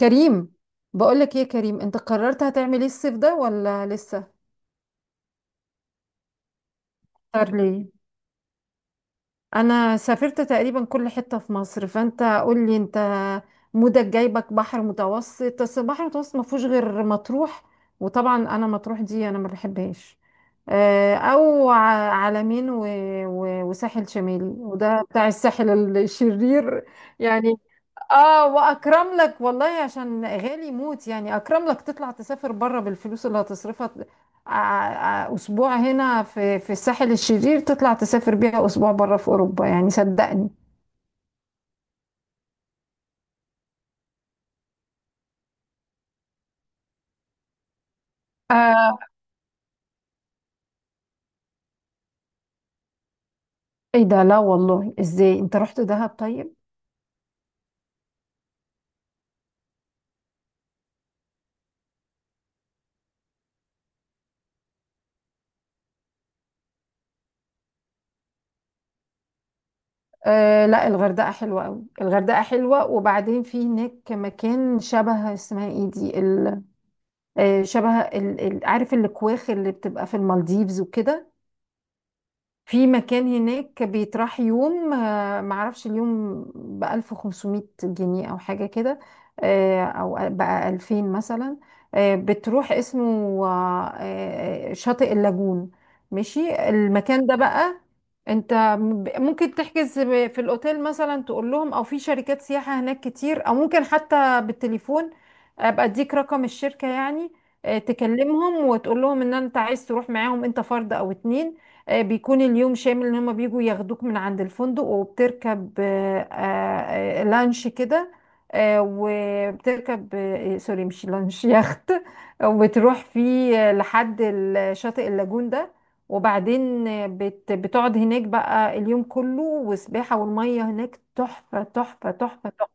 كريم، بقولك ايه يا كريم، انت قررت هتعمل ايه الصيف ده ولا لسه؟ اختار ليه؟ انا سافرت تقريبا كل حتة في مصر، فانت قولي انت. مودك جايبك بحر متوسط، بس البحر المتوسط ما فيهوش غير مطروح، وطبعا انا مطروح دي انا ما بحبهاش. او عالمين وساحل شمالي، وده بتاع الساحل الشرير يعني. اه، واكرم لك والله، عشان غالي موت، يعني اكرم لك تطلع تسافر بره بالفلوس اللي هتصرفها اسبوع هنا في الساحل الشرير، تطلع تسافر بيها اسبوع بره في اوروبا، يعني صدقني. آه. ايه ده؟ لا والله، ازاي انت رحت دهب طيب؟ آه لا، الغردقه حلوه قوي، الغردقه حلوه. وبعدين في هناك مكان شبه، اسمها ايه دي عارف الكواخ اللي بتبقى في المالديفز وكده؟ في مكان هناك بيطرح يوم، معرفش اليوم 1500 جنيه أو حاجة كده، أو بقى 2000 مثلا. بتروح، اسمه آه، شاطئ اللاجون. ماشي، المكان ده بقى انت ممكن تحجز في الأوتيل مثلا، تقول لهم، أو في شركات سياحة هناك كتير، أو ممكن حتى بالتليفون. أبقى أديك رقم الشركة يعني. تكلمهم وتقول لهم إن أنت عايز تروح معاهم، أنت فرد أو اتنين. بيكون اليوم شامل ان هما بيجوا ياخدوك من عند الفندق، وبتركب لانش كده، وبتركب سوري مش لانش، يخت. وبتروح فيه لحد شاطئ اللاجون ده. وبعدين بتقعد هناك بقى اليوم كله، والسباحة والمية هناك تحفة تحفة تحفة تحفة.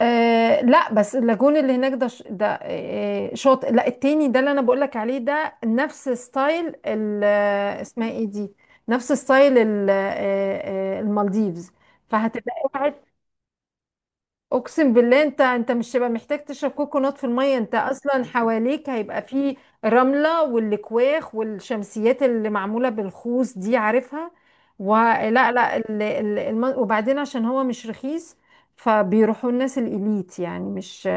آه لا، بس اللاجون اللي هناك ده ده شاطئ، لا التاني ده اللي انا بقولك عليه ده نفس ستايل اسمها ايه دي، نفس ستايل المالديفز. فهتبقى، اقسم بالله، انت مش هيبقى محتاج تشرب كوكونات في الميه، انت اصلا حواليك هيبقى فيه رمله والكواخ والشمسيات اللي معموله بالخوص دي، عارفها ولا لا؟ وبعدين عشان هو مش رخيص، فبيروحوا الناس الاليت، يعني مش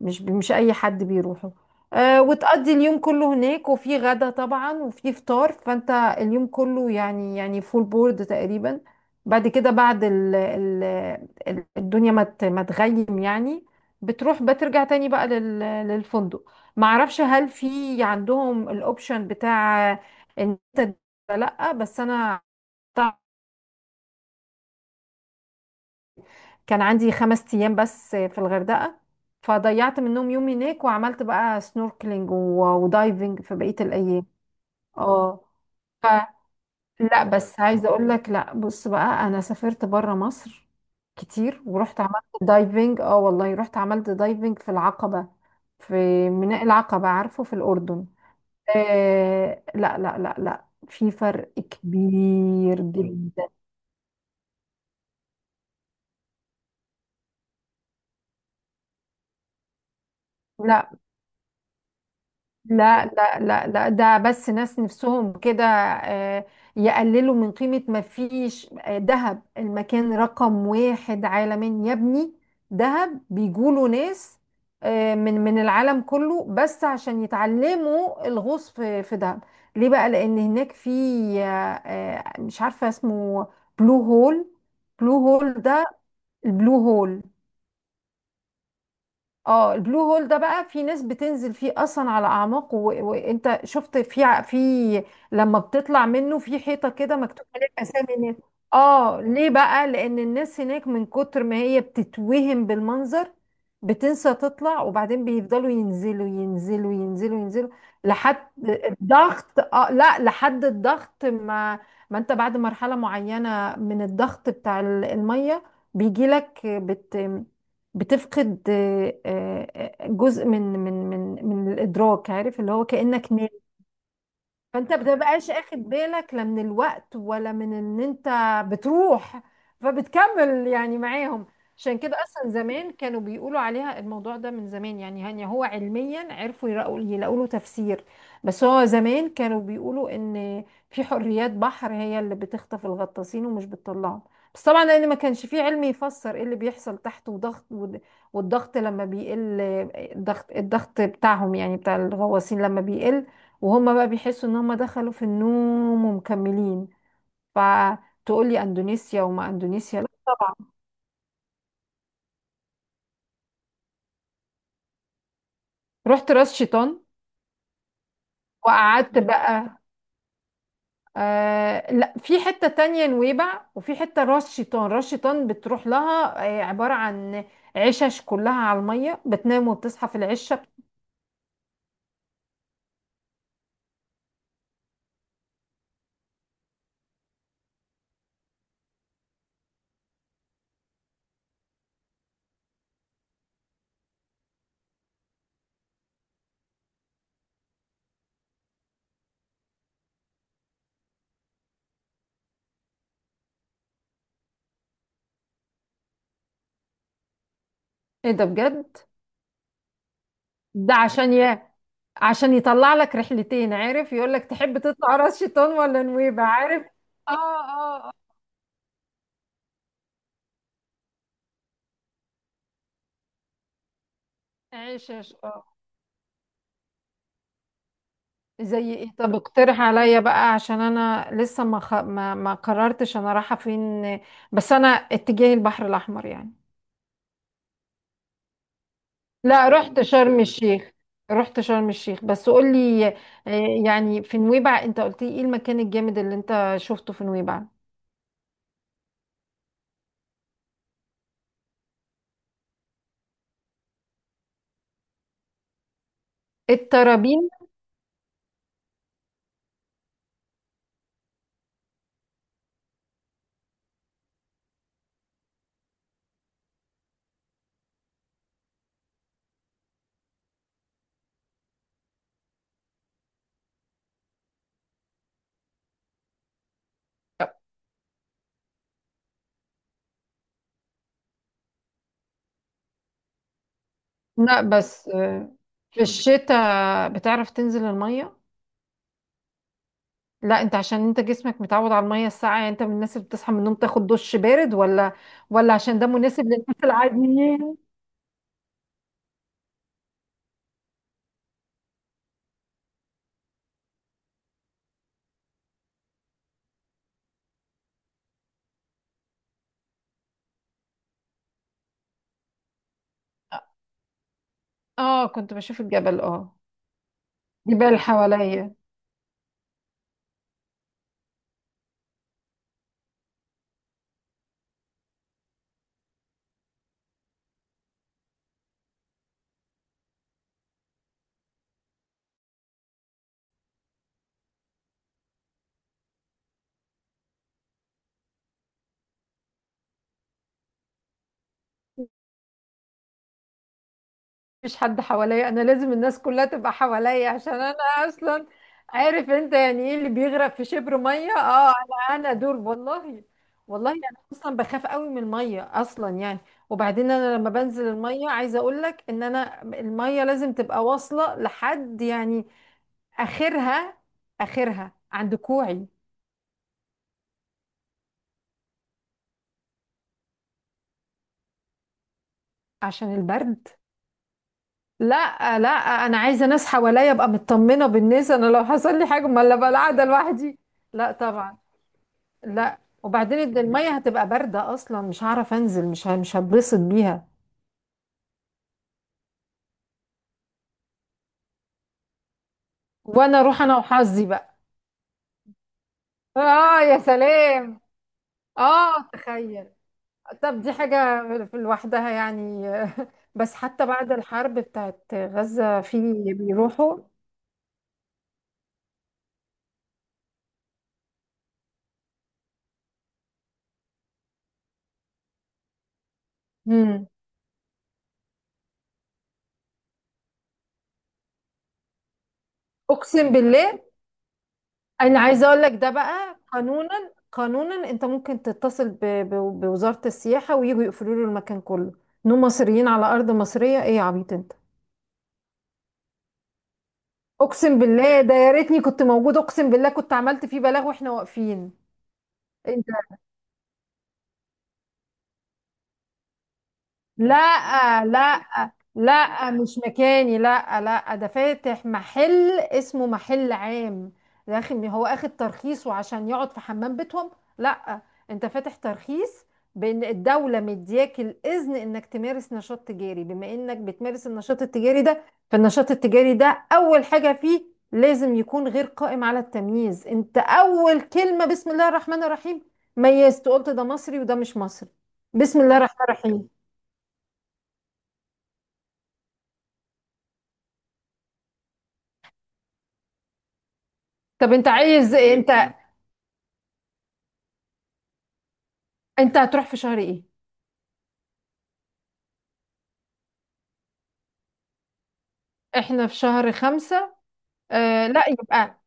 مش مش اي حد بيروحوا. أه، وتقضي اليوم كله هناك، وفي غدا طبعا وفي فطار، فانت اليوم كله يعني، يعني فول بورد تقريبا. بعد كده، الدنيا ما تغيم يعني، بترجع تاني بقى للفندق. معرفش هل في عندهم الاوبشن بتاع ان انت، لا بس انا كان عندي 5 ايام بس في الغردقة، فضيعت منهم يوم هناك، وعملت بقى سنوركلينج ودايفنج في بقية الايام. اه. لا بس عايزه اقول لك، لا بص بقى، انا سافرت بره مصر كتير، ورحت عملت دايفنج، اه والله، رحت عملت دايفنج في العقبه، في ميناء العقبه، عارفه في الاردن؟ آه لا لا، في فرق كبير جدا. لا لا لا، ده بس ناس نفسهم كده، يقللوا من قيمة، ما فيش، دهب المكان رقم واحد عالميا يا ابني. دهب بيجوله ناس، من العالم كله، بس عشان يتعلموا الغوص في دهب. ليه بقى؟ لأن هناك في آه، مش عارفة اسمه، بلو هول. بلو هول ده، البلو هول اه البلو هول ده بقى في ناس بتنزل فيه اصلا على اعماق، وانت شفت في ع- في لما بتطلع منه في حيطه كده مكتوب عليها اسامي الناس. اه ليه بقى؟ لان الناس هناك من كتر ما هي بتتوهم بالمنظر، بتنسى تطلع، وبعدين بيفضلوا ينزلوا ينزلوا لحد الضغط، اه لا لحد الضغط، ما ما انت بعد مرحله معينه من الضغط بتاع الميه بيجي لك، بتفقد جزء من الادراك، عارف اللي هو كانك، فانت بتبقاش اخد بالك لا من الوقت ولا من ان انت بتروح، فبتكمل يعني معاهم. عشان كده اصلا زمان كانوا بيقولوا عليها الموضوع ده من زمان، يعني هو علميا عرفوا يلاقوا له تفسير، بس هو زمان كانوا بيقولوا ان في حريات بحر هي اللي بتخطف الغطاسين ومش بتطلعهم، بس طبعا لان ما كانش في علم يفسر ايه اللي بيحصل تحت. وضغط، والضغط لما بيقل، الضغط بتاعهم يعني بتاع الغواصين لما بيقل، وهم بقى بيحسوا ان هم دخلوا في النوم ومكملين. فتقول لي اندونيسيا؟ وما اندونيسيا، لا طبعا. رحت راس شيطان، وقعدت بقى، آه لا في حتة تانية نويبع وفي حتة راس شيطان. راس شيطان بتروح لها عبارة عن عشش كلها على المية، بتنام وبتصحى في العشة. ايه ده بجد؟ ده عشان عشان يطلع لك رحلتين، عارف؟ يقول لك تحب تطلع راس شيطان ولا نويبع، عارف. اه اه آه. عشش. زي ايه؟ طب اقترح عليا بقى، عشان انا لسه ما خ... ما... ما قررتش انا رايحه فين، بس انا اتجاهي البحر الاحمر يعني. لا رحت شرم الشيخ، رحت شرم الشيخ. بس قولي، يعني في نويبع، انت قلت لي ايه المكان الجامد اللي انت شفته في نويبع؟ الترابين. لا بس في الشتاء بتعرف تنزل المية؟ لا انت عشان انت جسمك متعود على المية الساقعة، يعني انت من الناس اللي بتصحى من النوم تاخد دش بارد ولا ولا، عشان ده مناسب للناس العاديين. اه كنت بشوف الجبل، اه، جبال حواليا. مفيش حد حواليا؟ انا لازم الناس كلها تبقى حواليا عشان انا اصلا، عارف انت يعني ايه اللي بيغرق في شبر ميه؟ اه انا، دول والله. والله انا اصلا بخاف قوي من الميه اصلا يعني. وبعدين انا لما بنزل الميه، عايزه اقول لك ان انا الميه لازم تبقى واصله لحد، يعني اخرها اخرها عند كوعي. عشان البرد؟ لا لا، انا عايزه ناس حواليا، ابقى مطمنه بالناس، انا لو حصل لي حاجه ما، لا بقى قاعده لوحدي. لا طبعا. لا، وبعدين الميه هتبقى بارده اصلا، مش هعرف انزل، مش هتبسط بيها. وانا اروح انا وحظي بقى. اه يا سلام. اه تخيل. طب دي حاجه في لوحدها يعني. بس حتى بعد الحرب بتاعت غزه في بيروحوا. مم. اقسم بالله. انا عايزه اقول لك ده بقى قانونا، قانونا انت ممكن تتصل بوزاره السياحه، ويجوا يقفلوا له المكان كله، انهم مصريين على ارض مصريه، ايه يا عبيط انت؟ اقسم بالله، ده يا ريتني كنت موجود، اقسم بالله كنت عملت فيه بلاغ واحنا واقفين. لا لا، مش مكاني، لا لا، ده فاتح محل، اسمه محل عام. يا اخي، هو اخد ترخيص وعشان يقعد في حمام بيتهم؟ لا، انت فاتح ترخيص، بان الدولة مدياك الاذن انك تمارس نشاط تجاري، بما انك بتمارس النشاط التجاري ده، فالنشاط التجاري ده اول حاجة فيه لازم يكون غير قائم على التمييز. انت اول كلمة بسم الله الرحمن الرحيم ميزت، قلت ده مصري وده مش مصري. بسم الله الرحمن الرحيم. طب انت عايز، انت هتروح في شهر ايه؟ احنا في شهر 5. آه لا يبقى،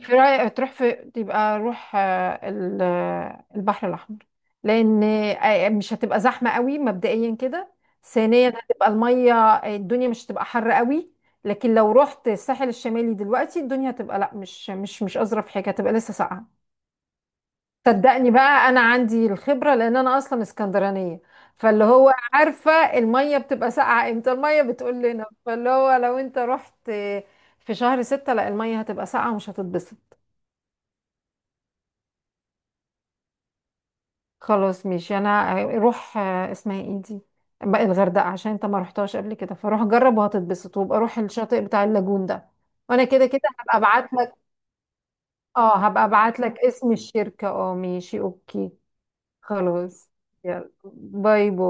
في رأيك تروح في، يبقى روح البحر الأحمر. لأن مش هتبقى زحمة قوي مبدئيا كده، ثانيا هتبقى المية، الدنيا مش هتبقى حر قوي. لكن لو رحت الساحل الشمالي دلوقتي، الدنيا هتبقى، لا مش مش أظرف حاجة، هتبقى لسه ساقعة. صدقني بقى، انا عندي الخبره، لان انا اصلا اسكندرانيه، فاللي هو عارفه الميه بتبقى ساقعه امتى، الميه بتقول لنا. فاللي هو لو انت رحت في شهر 6، لا الميه هتبقى ساقعه، ومش هتتبسط. خلاص ماشي، انا روح اسمها ايه دي بقى، الغردقه، عشان انت ما رحتهاش قبل كده، فروح جرب وهتتبسط، وابقى روح الشاطئ بتاع اللاجون ده. وانا كده كده هبقى ابعت لك، اه هبقى ابعت لك اسم الشركه، اه ماشي اوكي. خلاص، يلا باي باي.